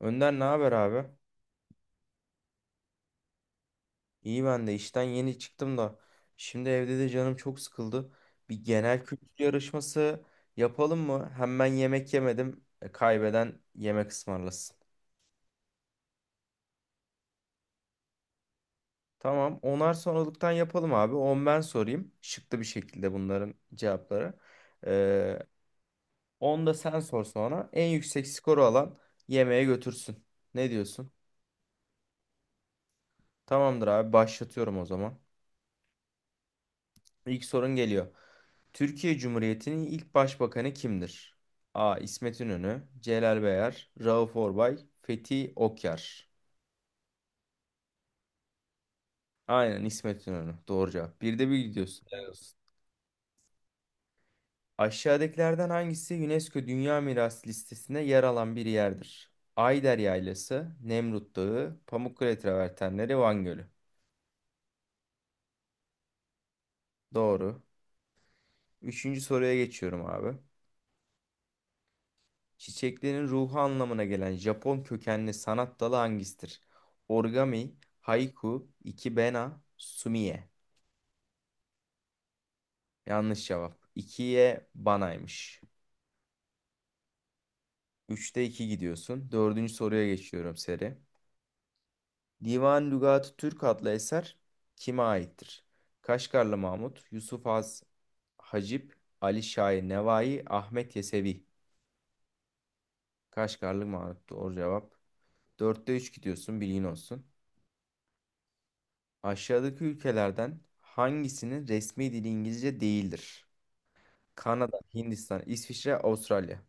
Önder, ne haber abi? İyi, ben de işten yeni çıktım da. Şimdi evde de canım çok sıkıldı. Bir genel kültür yarışması yapalım mı? Hem ben yemek yemedim. Kaybeden yemek ısmarlasın. Tamam. Onar sonralıktan yapalım abi. 10 ben sorayım. Şıklı bir şekilde bunların cevapları. Ee, 10 da sen sor sonra. En yüksek skoru alan yemeğe götürsün. Ne diyorsun? Tamamdır abi. Başlatıyorum o zaman. İlk sorun geliyor. Türkiye Cumhuriyeti'nin ilk başbakanı kimdir? A. İsmet İnönü, Celal Bayar, Rauf Orbay, Fethi Okyar. Aynen, İsmet İnönü. Doğru cevap. Bir de bir gidiyorsun. Helal olsun. Aşağıdakilerden hangisi UNESCO Dünya Mirası listesinde yer alan bir yerdir? Ayder Yaylası, Nemrut Dağı, Pamukkale Travertenleri, Van Gölü. Doğru. Üçüncü soruya geçiyorum abi. Çiçeklerin ruhu anlamına gelen Japon kökenli sanat dalı hangisidir? Origami, haiku, ikebana, sumiye. Yanlış cevap. İkiye banaymış. Üçte 2 gidiyorsun. Dördüncü soruya geçiyorum seri. Divan Lügat-ı Türk adlı eser kime aittir? Kaşgarlı Mahmut, Yusuf Az Hacip, Ali Şair Nevai, Ahmet Yesevi. Kaşgarlı Mahmut, doğru cevap. Dörtte 3 gidiyorsun, bilgin olsun. Aşağıdaki ülkelerden hangisinin resmi dili İngilizce değildir? Kanada, Hindistan, İsviçre, Avustralya.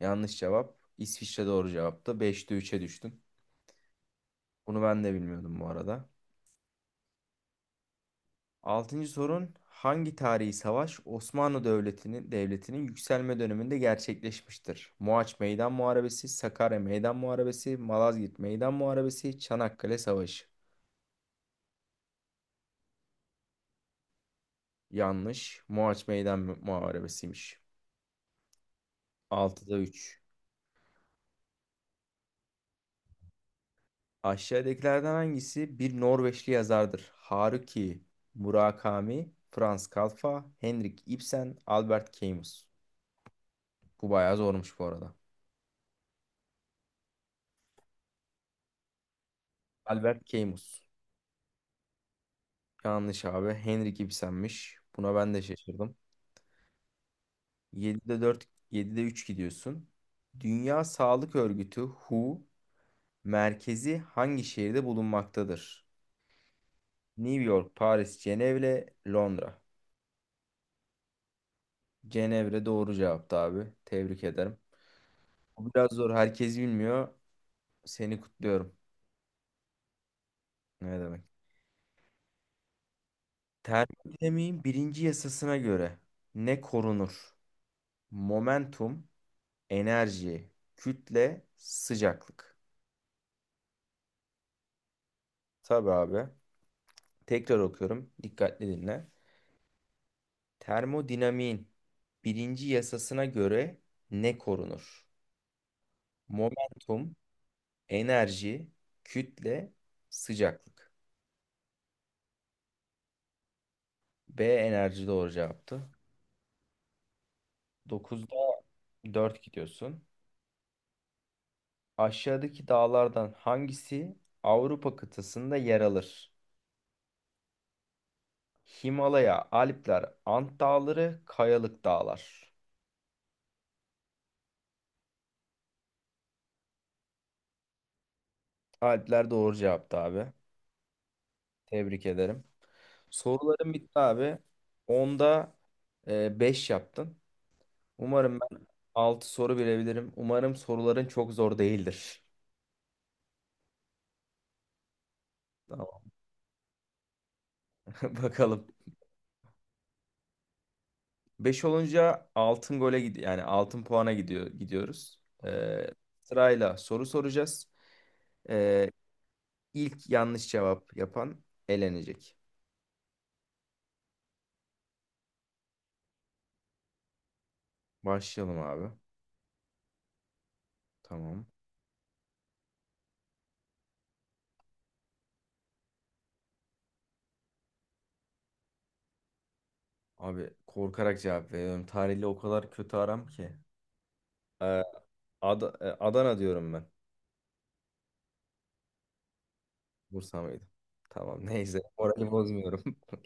Yanlış cevap. İsviçre doğru cevaptı. 5'te 3'e düştün. Bunu ben de bilmiyordum bu arada. Altıncı sorun. Hangi tarihi savaş Osmanlı devletinin yükselme döneminde gerçekleşmiştir? Mohaç Meydan Muharebesi, Sakarya Meydan Muharebesi, Malazgirt Meydan Muharebesi, Çanakkale Savaşı. Yanlış. Mohaç Meydan Muharebesi'ymiş. 6'da 3. Aşağıdakilerden hangisi bir Norveçli yazardır? Haruki Murakami, Franz Kalfa, Henrik Ibsen, Albert Camus. Bu bayağı zormuş bu arada. Albert Camus. Yanlış abi. Henrik Ibsen'miş. Buna ben de şaşırdım. 7'de 4, 7'de 3 gidiyorsun. Dünya Sağlık Örgütü WHO merkezi hangi şehirde bulunmaktadır? New York, Paris, Cenevre, Londra. Cenevre doğru cevaptı abi. Tebrik ederim. Bu biraz zor. Herkes bilmiyor. Seni kutluyorum. Ne demek? Termodinamiğin birinci yasasına göre ne korunur? Momentum, enerji, kütle, sıcaklık. Tabii abi. Tekrar okuyorum. Dikkatli dinle. Termodinamiğin birinci yasasına göre ne korunur? Momentum, enerji, kütle, sıcaklıklık. B enerji, doğru cevaptı. Dokuzda 4 gidiyorsun. Aşağıdaki dağlardan hangisi Avrupa kıtasında yer alır? Himalaya, Alpler, Ant Dağları, Kayalık Dağlar. Alpler doğru cevaptı abi. Tebrik ederim. Sorularım bitti abi. Onda 5 yaptın. Umarım ben 6 soru bilebilirim. Umarım soruların çok zor değildir. Tamam. Bakalım. 5 olunca altın gole gidiyor. Yani altın puana gidiyoruz. Sırayla soru soracağız. Ee, İlk yanlış cevap yapan elenecek. Başlayalım abi. Tamam. Abi, korkarak cevap veriyorum. Tarihle o kadar kötü aram ki. Ee, Adana diyorum ben. Bursa mıydı? Tamam, neyse. Orayı bozmuyorum.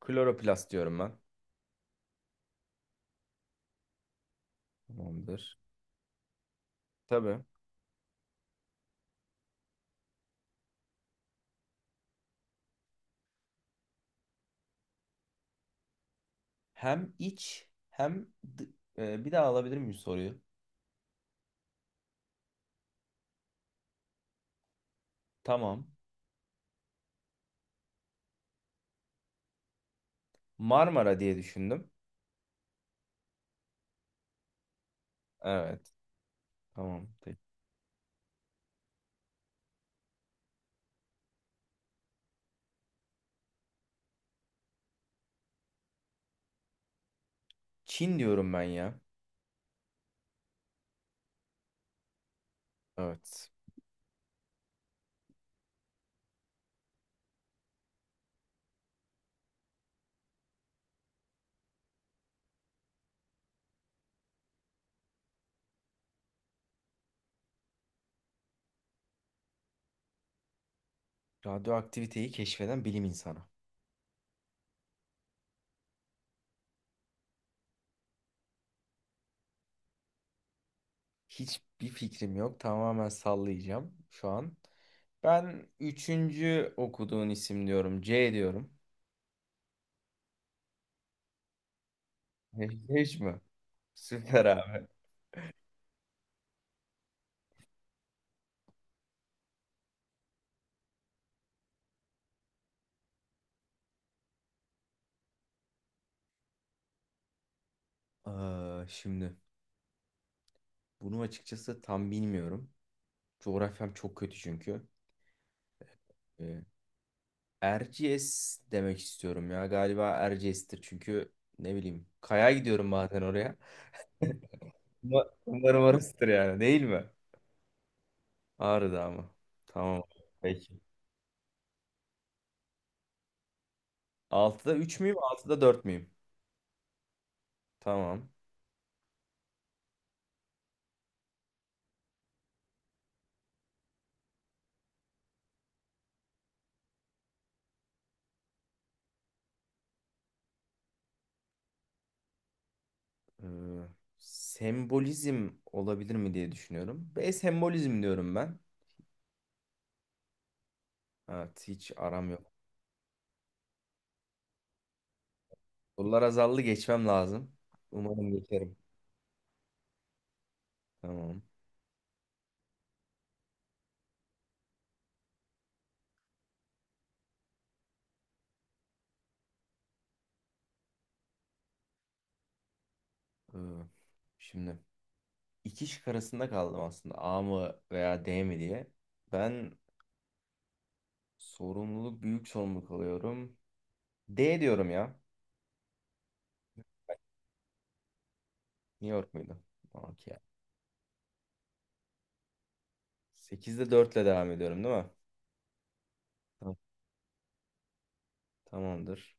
Kloroplast diyorum ben. Tamamdır. Tabii. Hem iç hem bir daha alabilir miyim soruyu? Tamam. Marmara diye düşündüm. Evet. Tamam. Çin diyorum ben ya. Evet. Radyoaktiviteyi keşfeden bilim insanı. Hiçbir fikrim yok. Tamamen sallayacağım şu an. Ben üçüncü okuduğun isim diyorum. C diyorum. Hiç mi? Süper abi. Aa, şimdi bunu açıkçası tam bilmiyorum. Coğrafyam çok kötü çünkü. Ee, Erciyes demek istiyorum ya. Galiba Erciyes'tir çünkü ne bileyim. Kaya gidiyorum bazen oraya. Umarım orasıdır yani, değil mi? Ağrı Dağı mı? Tamam. Peki. Altıda 3 müyüm? Altıda 4 müyüm? Tamam. Ee, Sembolizm olabilir mi diye düşünüyorum. B sembolizm diyorum ben. Evet, hiç aram yok. Sorular azaldı, geçmem lazım. Umarım geçerim. Tamam. Ee, Şimdi iki şık arasında kaldım aslında. A mı veya D mi diye. Ben büyük sorumluluk alıyorum. D diyorum ya. New York muydu? Okey. 8'de 4 ile devam ediyorum, değil mi? Tamam. Tamamdır.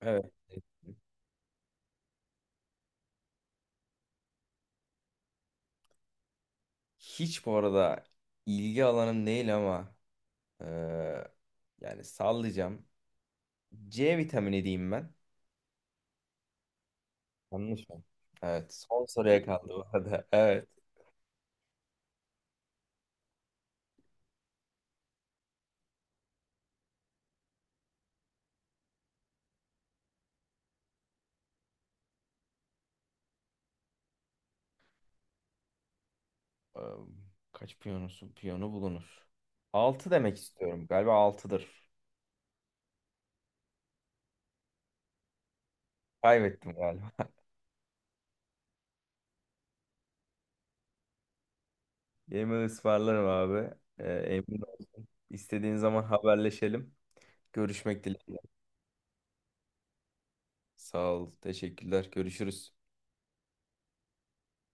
Evet. Hiç bu arada ilgi alanım değil ama Ee, yani sallayacağım. C vitamini diyeyim ben. Yanlış mı? Evet. Son soruya kaldı bu arada. Evet. Ee, Kaç piyonusu? Piyonu bulunur. 6 demek istiyorum. Galiba altıdır. Kaybettim galiba. Yemin ısmarlarım abi. Emin olsun. İstediğin zaman haberleşelim. Görüşmek dileğiyle. Sağ ol. Teşekkürler. Görüşürüz.